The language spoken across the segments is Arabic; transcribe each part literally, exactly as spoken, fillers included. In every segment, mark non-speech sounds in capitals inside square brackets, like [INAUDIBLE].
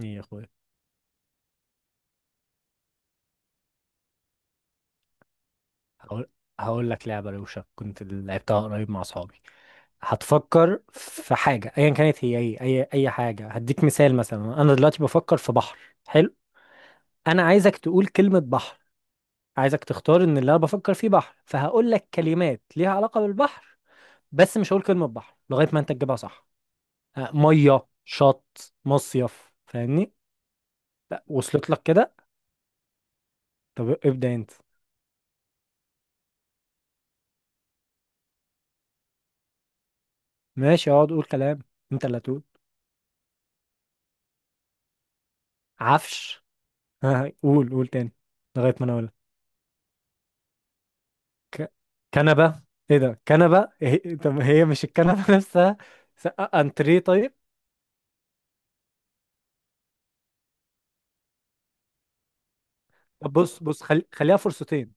ايه يا اخويا. هقول هقول لك لعبه روشه كنت لعبتها قريب مع اصحابي. هتفكر في حاجه ايا كانت هي ايه، اي اي حاجه، هديك مثال. مثلا انا دلوقتي بفكر في بحر. حلو. انا عايزك تقول كلمه بحر. عايزك تختار ان اللي انا بفكر فيه بحر، فهقول لك كلمات ليها علاقه بالبحر، بس مش هقول كلمه بحر لغايه ما انت تجيبها صح. آه، ميه شط مصيف فاهمني؟ لا وصلت لك كده؟ طب ابدا انت. ماشي اقعد قول كلام، انت اللي هتقول. عفش. ها قول قول تاني، لغاية ما انا اقول. ك... كنبة. ايه ده كنبة، هي... طب هي مش الكنبة [LAUGHS] نفسها. س... انتريه طيب. طب بص بص، خل... خليها فرصتين.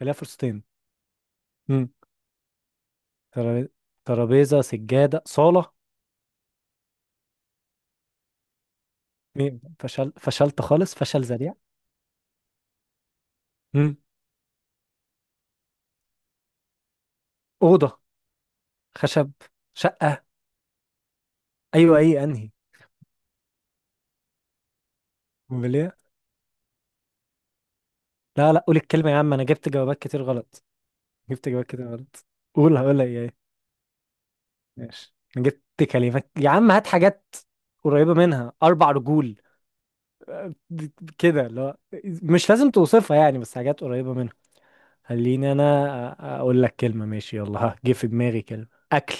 خليها فرصتين. امم ترابيزة. ترابيزة سجادة صالة. مين فشل؟ فشلت خالص، فشل ذريع. امم أوضة. خشب. شقة. ايوه، ايه انهي؟ امال ايه؟ لا لا، قول الكلمة يا عم، انا جبت جوابات كتير غلط. جبت جوابات كتير غلط. قول هقولها ايه. ماشي، جبت كلمات يا عم، هات حاجات قريبة منها. أربع رجول. آه، كده لا. مش لازم توصفها يعني، بس حاجات قريبة منها. خليني أنا أ- أقول لك كلمة، ماشي يلا. ها جه في دماغي كلمة أكل.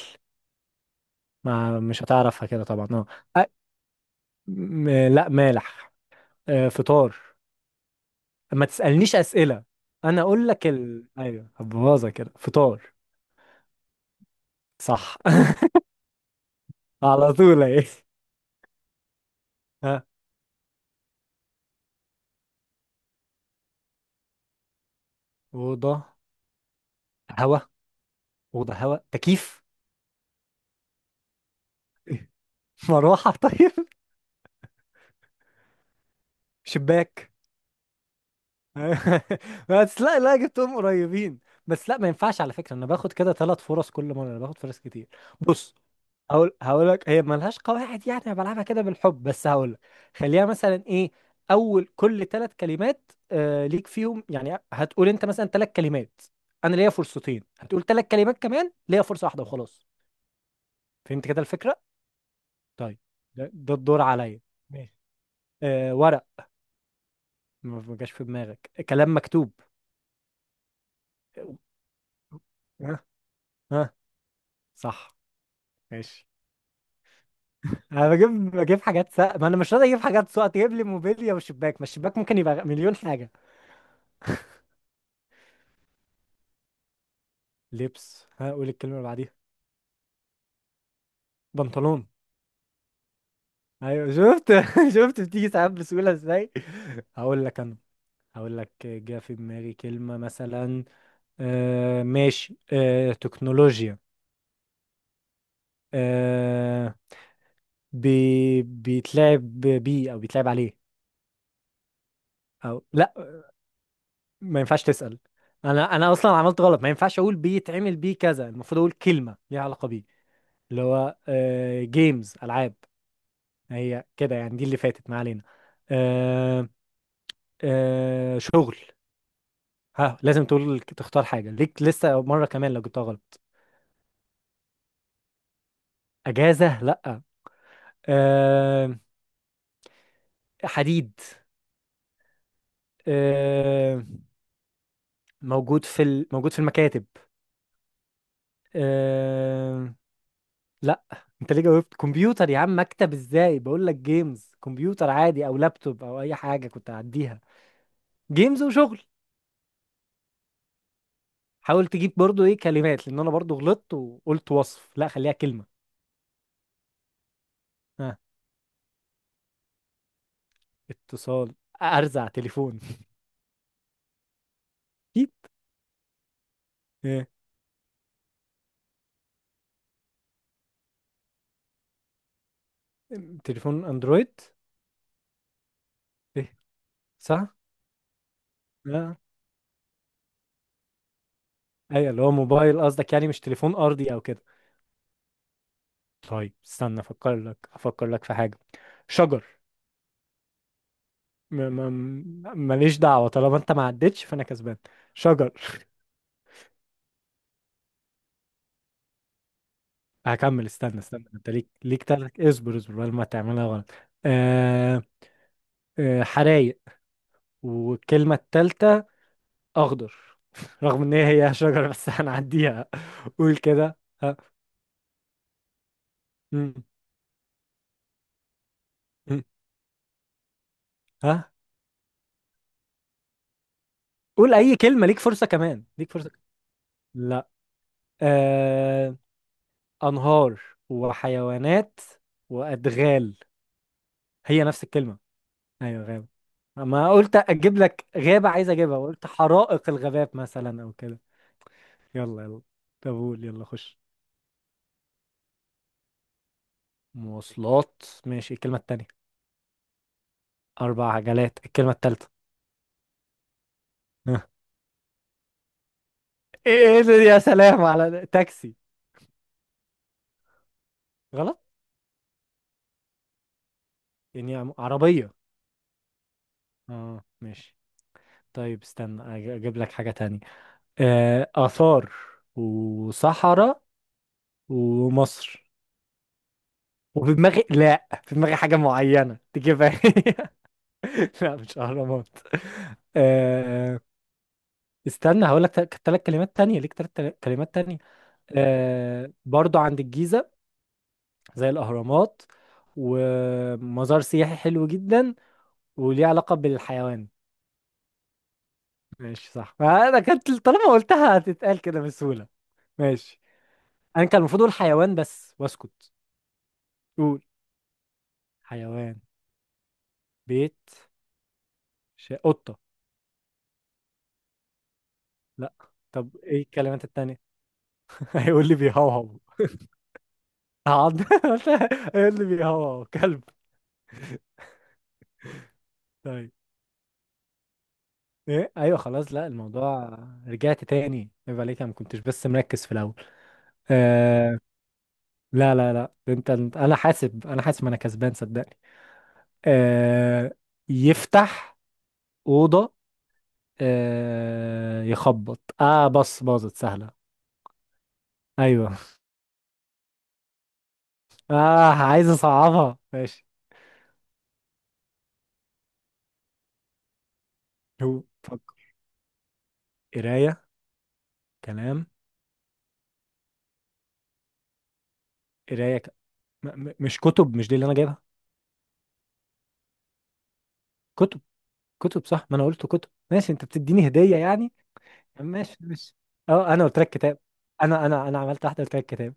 ما مش هتعرفها كده طبعا، اه. أ- م- لا مالح. آه، فطار. ما تسألنيش أسئلة. أنا أقول لك ال... أيوه هبوظها كده، فطار. صح. [LAUGHS] على طول أهي. ها. أوضة. هوا. أوضة هوا تكييف. [LAUGHS] [LAUGHS] مروحة طيب. شباك. [LAUGHS] بس لا لا، جبتهم قريبين. بس لا، ما ينفعش على فكرة، انا باخد كده ثلاث فرص كل مرة. انا باخد فرص كتير. بص، هقول هقول لك، هي ملهاش قواعد يعني، انا بلعبها كده بالحب، بس هقول لك. خليها مثلا ايه، اول كل ثلاث كلمات آه ليك فيهم، يعني هتقول انت مثلا ثلاث كلمات، انا ليا فرصتين. هتقول ثلاث كلمات كمان، ليا فرصة واحدة وخلاص. فهمت كده الفكرة؟ طيب. ده, ده الدور عليا. ماشي. آه ورق. ما ما جاش في دماغك كلام مكتوب؟ ها صح ماشي. انا بجيب بجيب حاجات سقف، ما انا مش راضي اجيب حاجات سقف تجيب لي موبيليا وشباك. ما الشباك ممكن يبقى مليون حاجه. لبس. ها قول الكلمه اللي بعديها. بنطلون. ايوه شفت [LAUGHS] شفت بتيجي ساعات بسهوله ازاي. هقول لك انا، هقول لك جه في دماغي كلمه مثلا. آه ماشي، آه تكنولوجيا. آه. بي بيتلعب بيه او بيتلعب عليه. او لا، ما ينفعش تسأل. انا انا اصلا عملت غلط، ما ينفعش اقول بيتعمل بيه كذا، المفروض اقول كلمة ليها علاقة بيه. اللي هو جيمز، العاب. هي كده يعني، دي اللي فاتت ما علينا. آه. آه شغل. ها لازم تقول تختار حاجة، ليك لسه مرة كمان لو جبتها غلط. اجازة لا. آه. حديد. آه. موجود في ال... موجود في المكاتب. آه، لا. انت ليه جاوبت كمبيوتر يا عم؟ مكتب ازاي، بقول لك جيمز، كمبيوتر عادي او لابتوب او اي حاجه كنت هعديها. جيمز وشغل. حاول تجيب برضو ايه كلمات، لان انا برضو غلطت وقلت وصف، لا خليها كلمه. ها. اتصال. ارزع تليفون [LAUGHS] اكيد. ايه. تليفون اندرويد. ايه. صح. لا، ايوه اللي هو موبايل قصدك، يعني مش تليفون ارضي او كده. طيب استنى افكر لك افكر لك في حاجه. شجر. م- م- ماليش دعوه، طالما انت ما عدتش فانا كسبان. شجر. هكمل. استنى استنى، انت ليك ليك تلات، اصبر اصبر بدل ما تعملها غلط. آه آه حرايق. والكلمة التالتة أخضر. [LAUGHS] رغم إن هي هي شجرة بس هنعديها. قول كده ها. مم، مم، ها. قول أي كلمة، ليك فرصة كمان، ليك فرصة. لا. آه. أنهار. وحيوانات. وأدغال. هي نفس الكلمة. أيوة غابة. ما قلت أجيب لك غابة، عايز أجيبها قلت حرائق الغابات مثلا أو كده. يلا يلا. طب قول يلا خش. مواصلات ماشي الكلمة التانية. أربع عجلات الكلمة التالتة. [LAUGHS] ها. إيه إيه ده، يا سلام على ده. تاكسي. غلط. يعني عم- عربية. اه ماشي. طيب استنى أج- أجيب لك حاجة تانية. آه آثار. وصحراء. ومصر. وفي دماغي، لا في دماغي حاجة معينة تجيبها [LAUGHS] هي. لا مش أهرامات. آه. استنى هقول لك ثلاث كلمات تانية، ليك ثلاث كلمات تانية. آه برضو عند الجيزة. زي الأهرامات. ومزار سياحي حلو جدا. وليه علاقة بالحيوان. ماشي صح، فأنا كانت طالما قلتها هتتقال كده بسهولة. ماشي. أنا كان المفروض أقول حيوان بس وأسكت. قول. حيوان. بيت. ش... قطة. لا. طب إيه الكلمات التانية؟ [LAUGHS] هيقول لي بيهوهو. هقعد [LAUGHS] هيقول لي بيهوهو كلب. طيب. ايه ايوه خلاص، لا الموضوع. رجعت تاني، عيب عليك، انا ما كنتش بس مركز في الاول. آه، لا لا لا، انت انت- انا حاسب انا حاسب انا كسبان صدقني. آه. يفتح. اوضه. آه يخبط. اه بص باظت سهله. ايوه. [LAUGHS] اه عايز اصعبها ماشي. هو فك. قرايه كلام. قرايه ك... م... م... مش كتب، مش دي اللي انا جايبها. كتب. كتب صح، ما انا قلت كتب، ماشي انت بتديني هديه يعني. ماشي ماشي. اه انا قلت لك كتاب. انا انا انا عملت واحده قلت لك كتاب.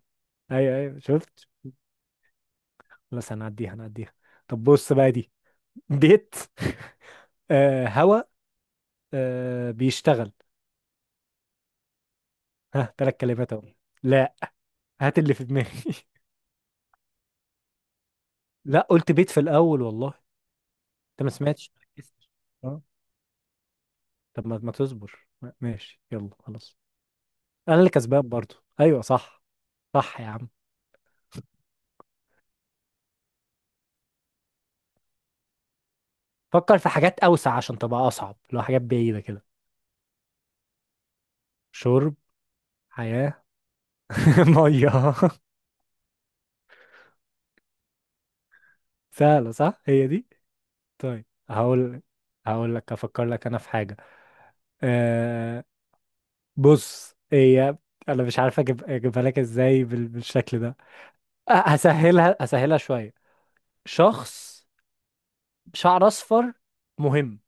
ايوه ايوه شفت. خلاص هنعديها هنعديها. طب بص بقى دي. بيت [LAUGHS] آه هوا. آه بيشتغل. ها ثلاث كلمات اهو. لا. هات اللي في دماغي [LAUGHS] لا قلت بيت في الاول والله. انت ما سمعتش، ما ركزتش. اه. طب ما ما تصبر. ماشي يلا خلاص. انا اللي كسبان برضو، ايوه صح. صح يا عم. فكر في حاجات اوسع عشان تبقى اصعب، لو حاجات بعيده كده. شرب. حياه. [LAUGHS] ميه. سهله صح، هي دي. طيب هقول. هقول لك افكر لك انا في حاجه. أه... بص هي. انا مش عارف اجيب اجيبها لك ازاي بال- بالشكل ده. أه، هسهلها هسهلها شويه. شخص. شعر اصفر. مهم.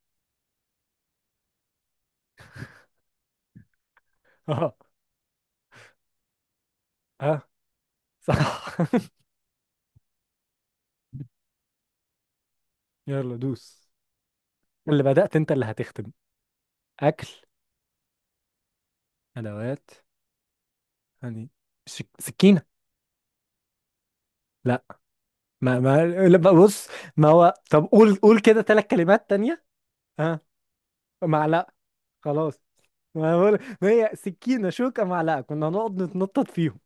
[LAUGHS] اه. اه صح. [LAUGHS] يلا دوس. اللي بدأت انت اللي هتختم. اكل. ادوات. يعني سك... سكينه. لا. ما ما لا، ما- بص. ما هو طب قول، قول كده ثلاث كلمات تانية. ها. معلقه. خلاص. ما هو- ما هي سكينه شوكه معلقه، كنا هنقعد نتنطط فيهم.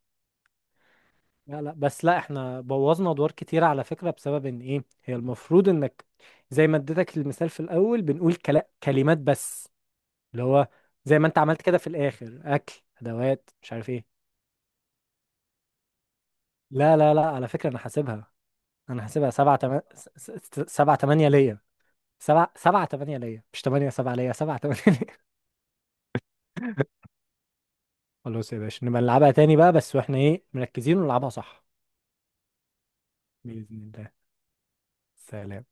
لا لا، بس لا احنا بوظنا ادوار كتير على فكرة، بسبب ان ايه، هي المفروض انك زي ما اديتك المثال في الاول، بنقول كلا كلمات بس، اللي هو زي ما انت عملت كده في الاخر، اكل ادوات مش عارف ايه. لا لا لا، على فكرة انا حاسبها. انا حاسبها سبعة تم... سبعة تمانية ليا. سبعة سبعة تمانية ليا، مش تمانية، سبعة ليا، سبعة تمانية ليا. [LAUGHS] خلاص يا باشا نبقى نلعبها تاني بقى، بس واحنا ايه مركزين، ونلعبها صح. بإذن الله. سلام.